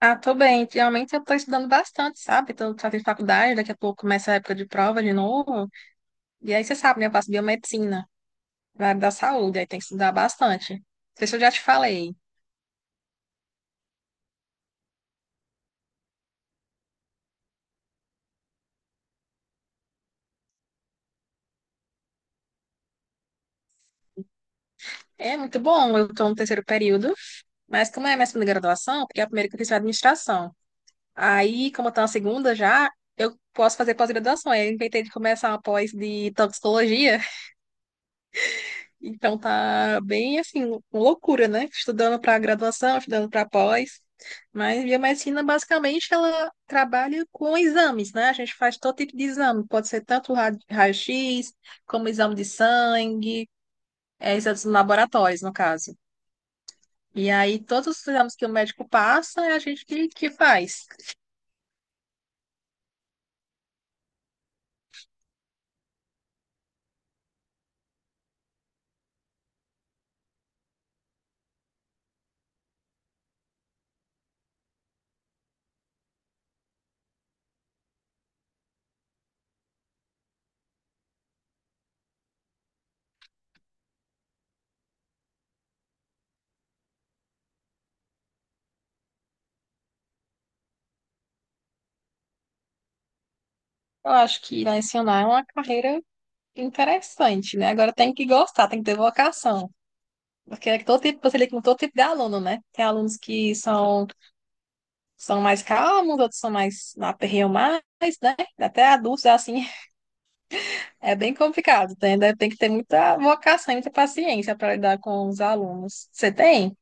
Ah, tô bem. Realmente eu tô estudando bastante, sabe? Tô fazendo faculdade, daqui a pouco começa a época de prova de novo. E aí você sabe, né? Eu faço biomedicina, na área da saúde, aí tem que estudar bastante. Não sei se eu já te falei. É muito bom, eu tô no terceiro período, mas como é a minha segunda graduação, porque a primeira que eu fiz foi administração. Aí, como eu tô na segunda já, eu posso fazer pós-graduação. Aí eu inventei de começar uma pós de toxicologia. Então tá bem assim, loucura, né? Estudando para graduação, estudando para pós. Mas biomedicina basicamente ela trabalha com exames, né? A gente faz todo tipo de exame, pode ser tanto raio-x, como exame de sangue, exames laboratórios, no caso. E aí todos os exames que o médico passa é a gente que faz. Eu acho que ensinar é uma carreira interessante, né? Agora tem que gostar, tem que ter vocação. Porque é todo tipo, você lida com todo tipo de aluno, né? Tem alunos que são mais calmos, outros são mais aperreiam mais, né? Até adultos, assim, é bem complicado. Tem, né? Tem que ter muita vocação, muita paciência para lidar com os alunos. Você tem?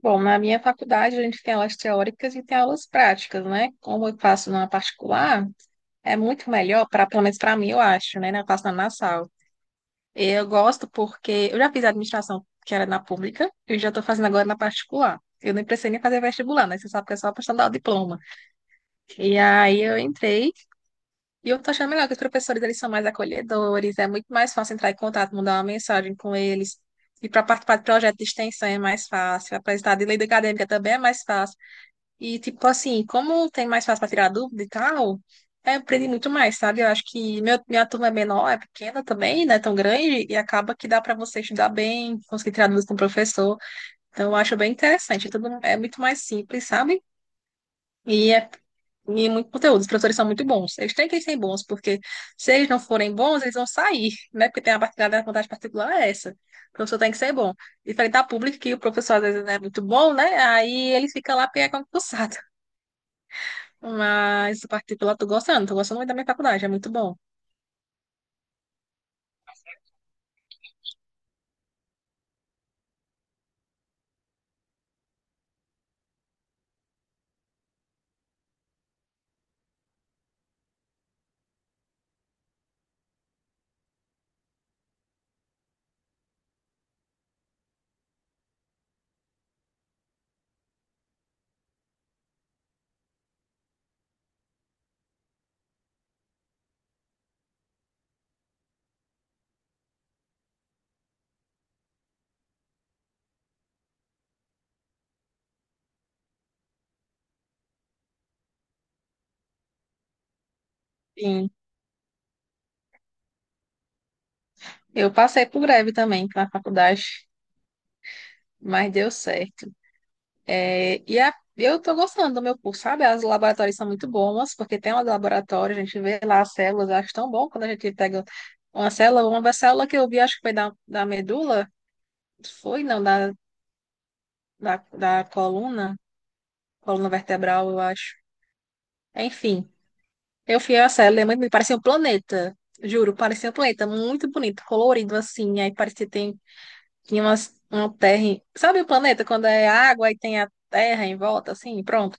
Bom, na minha faculdade a gente tem aulas teóricas e tem aulas práticas, né? Como eu faço na particular, é muito melhor, para, pelo menos para mim, eu acho, né? Eu faço na Nassau. Eu gosto porque eu já fiz administração que era na pública, e já estou fazendo agora na particular. Eu nem precisei nem fazer vestibular, né? Você sabe que é só a questão o diploma. E aí eu entrei. E eu tô achando melhor que os professores, eles são mais acolhedores, é muito mais fácil entrar em contato, mandar uma mensagem com eles. E para participar de projeto de extensão é mais fácil, apresentar de lei acadêmica também é mais fácil. E, tipo assim, como tem mais fácil para tirar dúvida e tal, aprendi muito mais, sabe? Eu acho que minha turma é menor, é pequena também, não é tão grande, e acaba que dá para você estudar bem, conseguir tirar dúvidas com o professor. Então, eu acho bem interessante, tudo é muito mais simples, sabe? E é e muito conteúdo. Os professores são muito bons. Eles têm que ser bons, porque se eles não forem bons, eles vão sair, né? Porque tem a partilhada da vontade particular é essa. O professor tem que ser bom. Diferente da pública, que o professor às vezes não é muito bom, né? Aí ele fica lá porque é concursado. Mas o particular, tô gostando muito da minha faculdade, é muito bom. Sim. Eu passei por greve também na faculdade, mas deu certo. É, eu estou gostando do meu curso, sabe? As laboratórios são muito bons, porque tem um laboratório, a gente vê lá as células, eu acho tão bom quando a gente pega uma célula que eu vi, acho que foi da medula, foi, não, da coluna, coluna vertebral, eu acho. Enfim, eu fui a célula, é muito, bonito, parecia um planeta, juro, parecia um planeta, muito bonito, colorido assim, aí parecia que tem, tinha umas, uma terra, sabe o planeta, quando é água e tem a terra em volta, assim, pronto?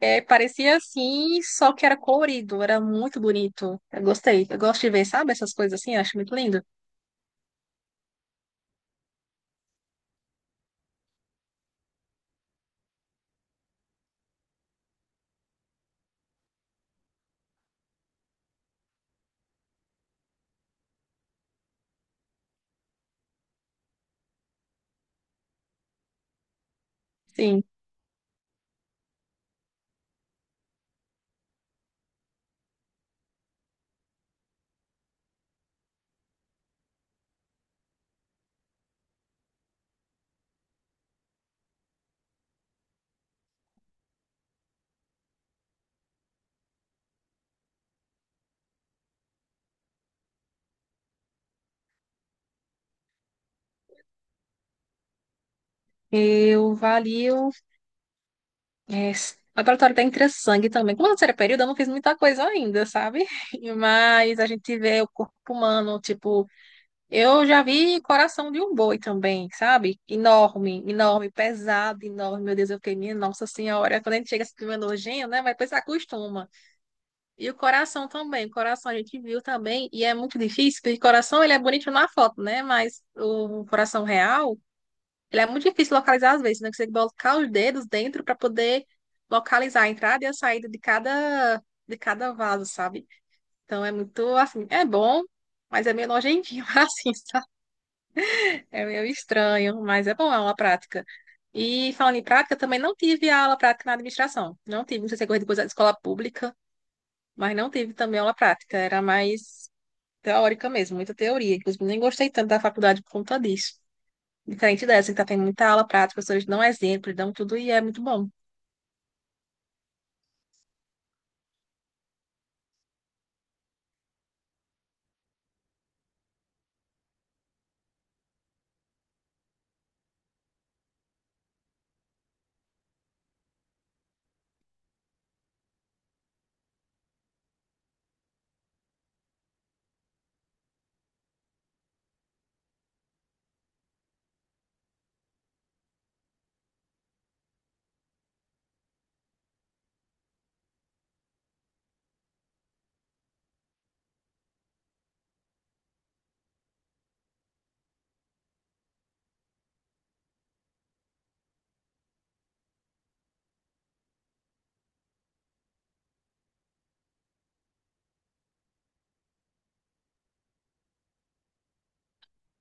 É, parecia assim, só que era colorido, era muito bonito. Eu gostei. Eu gosto de ver, sabe, essas coisas assim, eu acho muito lindo. Sim, eu valio. É, o laboratório da Entressangue também. Como eu não era período, eu não fiz muita coisa ainda, sabe? Mas a gente vê o corpo humano, tipo, eu já vi coração de um boi também, sabe? Enorme, enorme, pesado, enorme. Meu Deus, eu fiquei, minha nossa senhora. Quando a gente chega assim, meio nojento, né? Mas depois se acostuma. E o coração também, o coração a gente viu também, e é muito difícil, porque o coração ele é bonito na foto, né? Mas o coração real, ele é muito difícil localizar às vezes, né? Porque você tem que colocar os dedos dentro para poder localizar a entrada e a saída de cada vaso, sabe? Então é muito assim, é bom, mas é meio nojentinho, assim, sabe? É meio estranho, mas é bom, é uma prática. E falando em prática, também não tive aula prática na administração. Não tive, não sei se é coisa depois da escola pública, mas não tive também aula prática. Era mais teórica mesmo, muita teoria. Inclusive, nem gostei tanto da faculdade por conta disso. Diferente dessa, que tá tendo muita aula prática, os professores dão exemplo, dão tudo e é muito bom.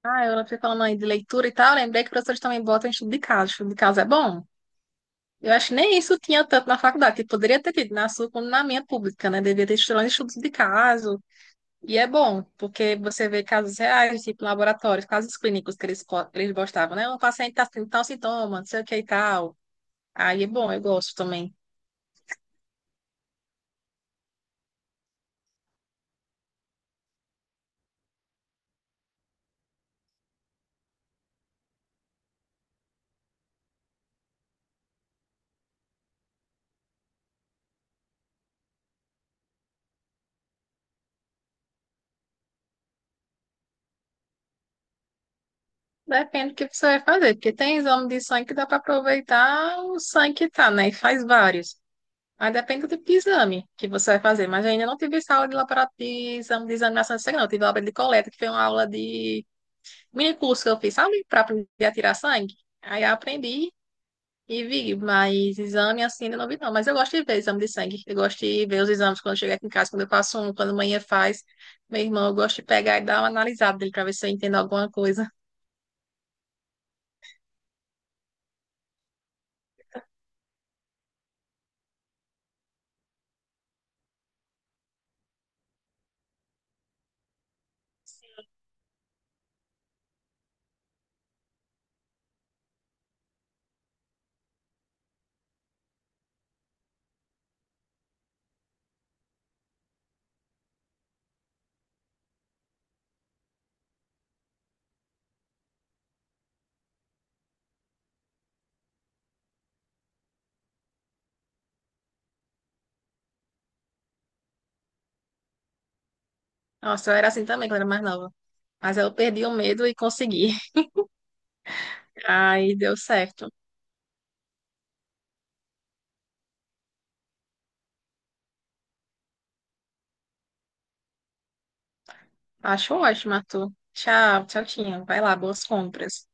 Ah, eu fui falando aí de leitura e tal, lembrei que os professores também botam estudo de caso. Estudo de caso é bom. Eu acho que nem isso tinha tanto na faculdade, que poderia ter tido na sua como na minha pública, né? Devia ter estudado estudos de caso. E é bom, porque você vê casos reais, tipo laboratórios, casos clínicos que eles gostavam, né? Um paciente tá tendo tal sintoma, não sei o que e tal. Aí é bom, eu gosto também. Depende do que você vai fazer, porque tem exame de sangue que dá para aproveitar o sangue que tá, né? E faz vários. Aí depende do tipo de exame que você vai fazer. Mas eu ainda não tive essa aula de laboratório de exame de examinação de sangue, não. Eu tive aula de coleta, que foi uma aula de mini curso que eu fiz, sabe? Para aprender a tirar sangue. Aí eu aprendi e vi, mas exame assim ainda não vi, não. Mas eu gosto de ver exame de sangue. Eu gosto de ver os exames quando eu chego aqui em casa, quando eu faço um, quando a manhã faz. Meu irmão, eu gosto de pegar e dar uma analisada dele para ver se eu entendo alguma coisa. Nossa, eu era assim também quando eu era mais nova. Mas eu perdi o medo e consegui. Aí deu certo. Acho ótimo, Arthur. Tchau, tchau, tinha. Vai lá, boas compras.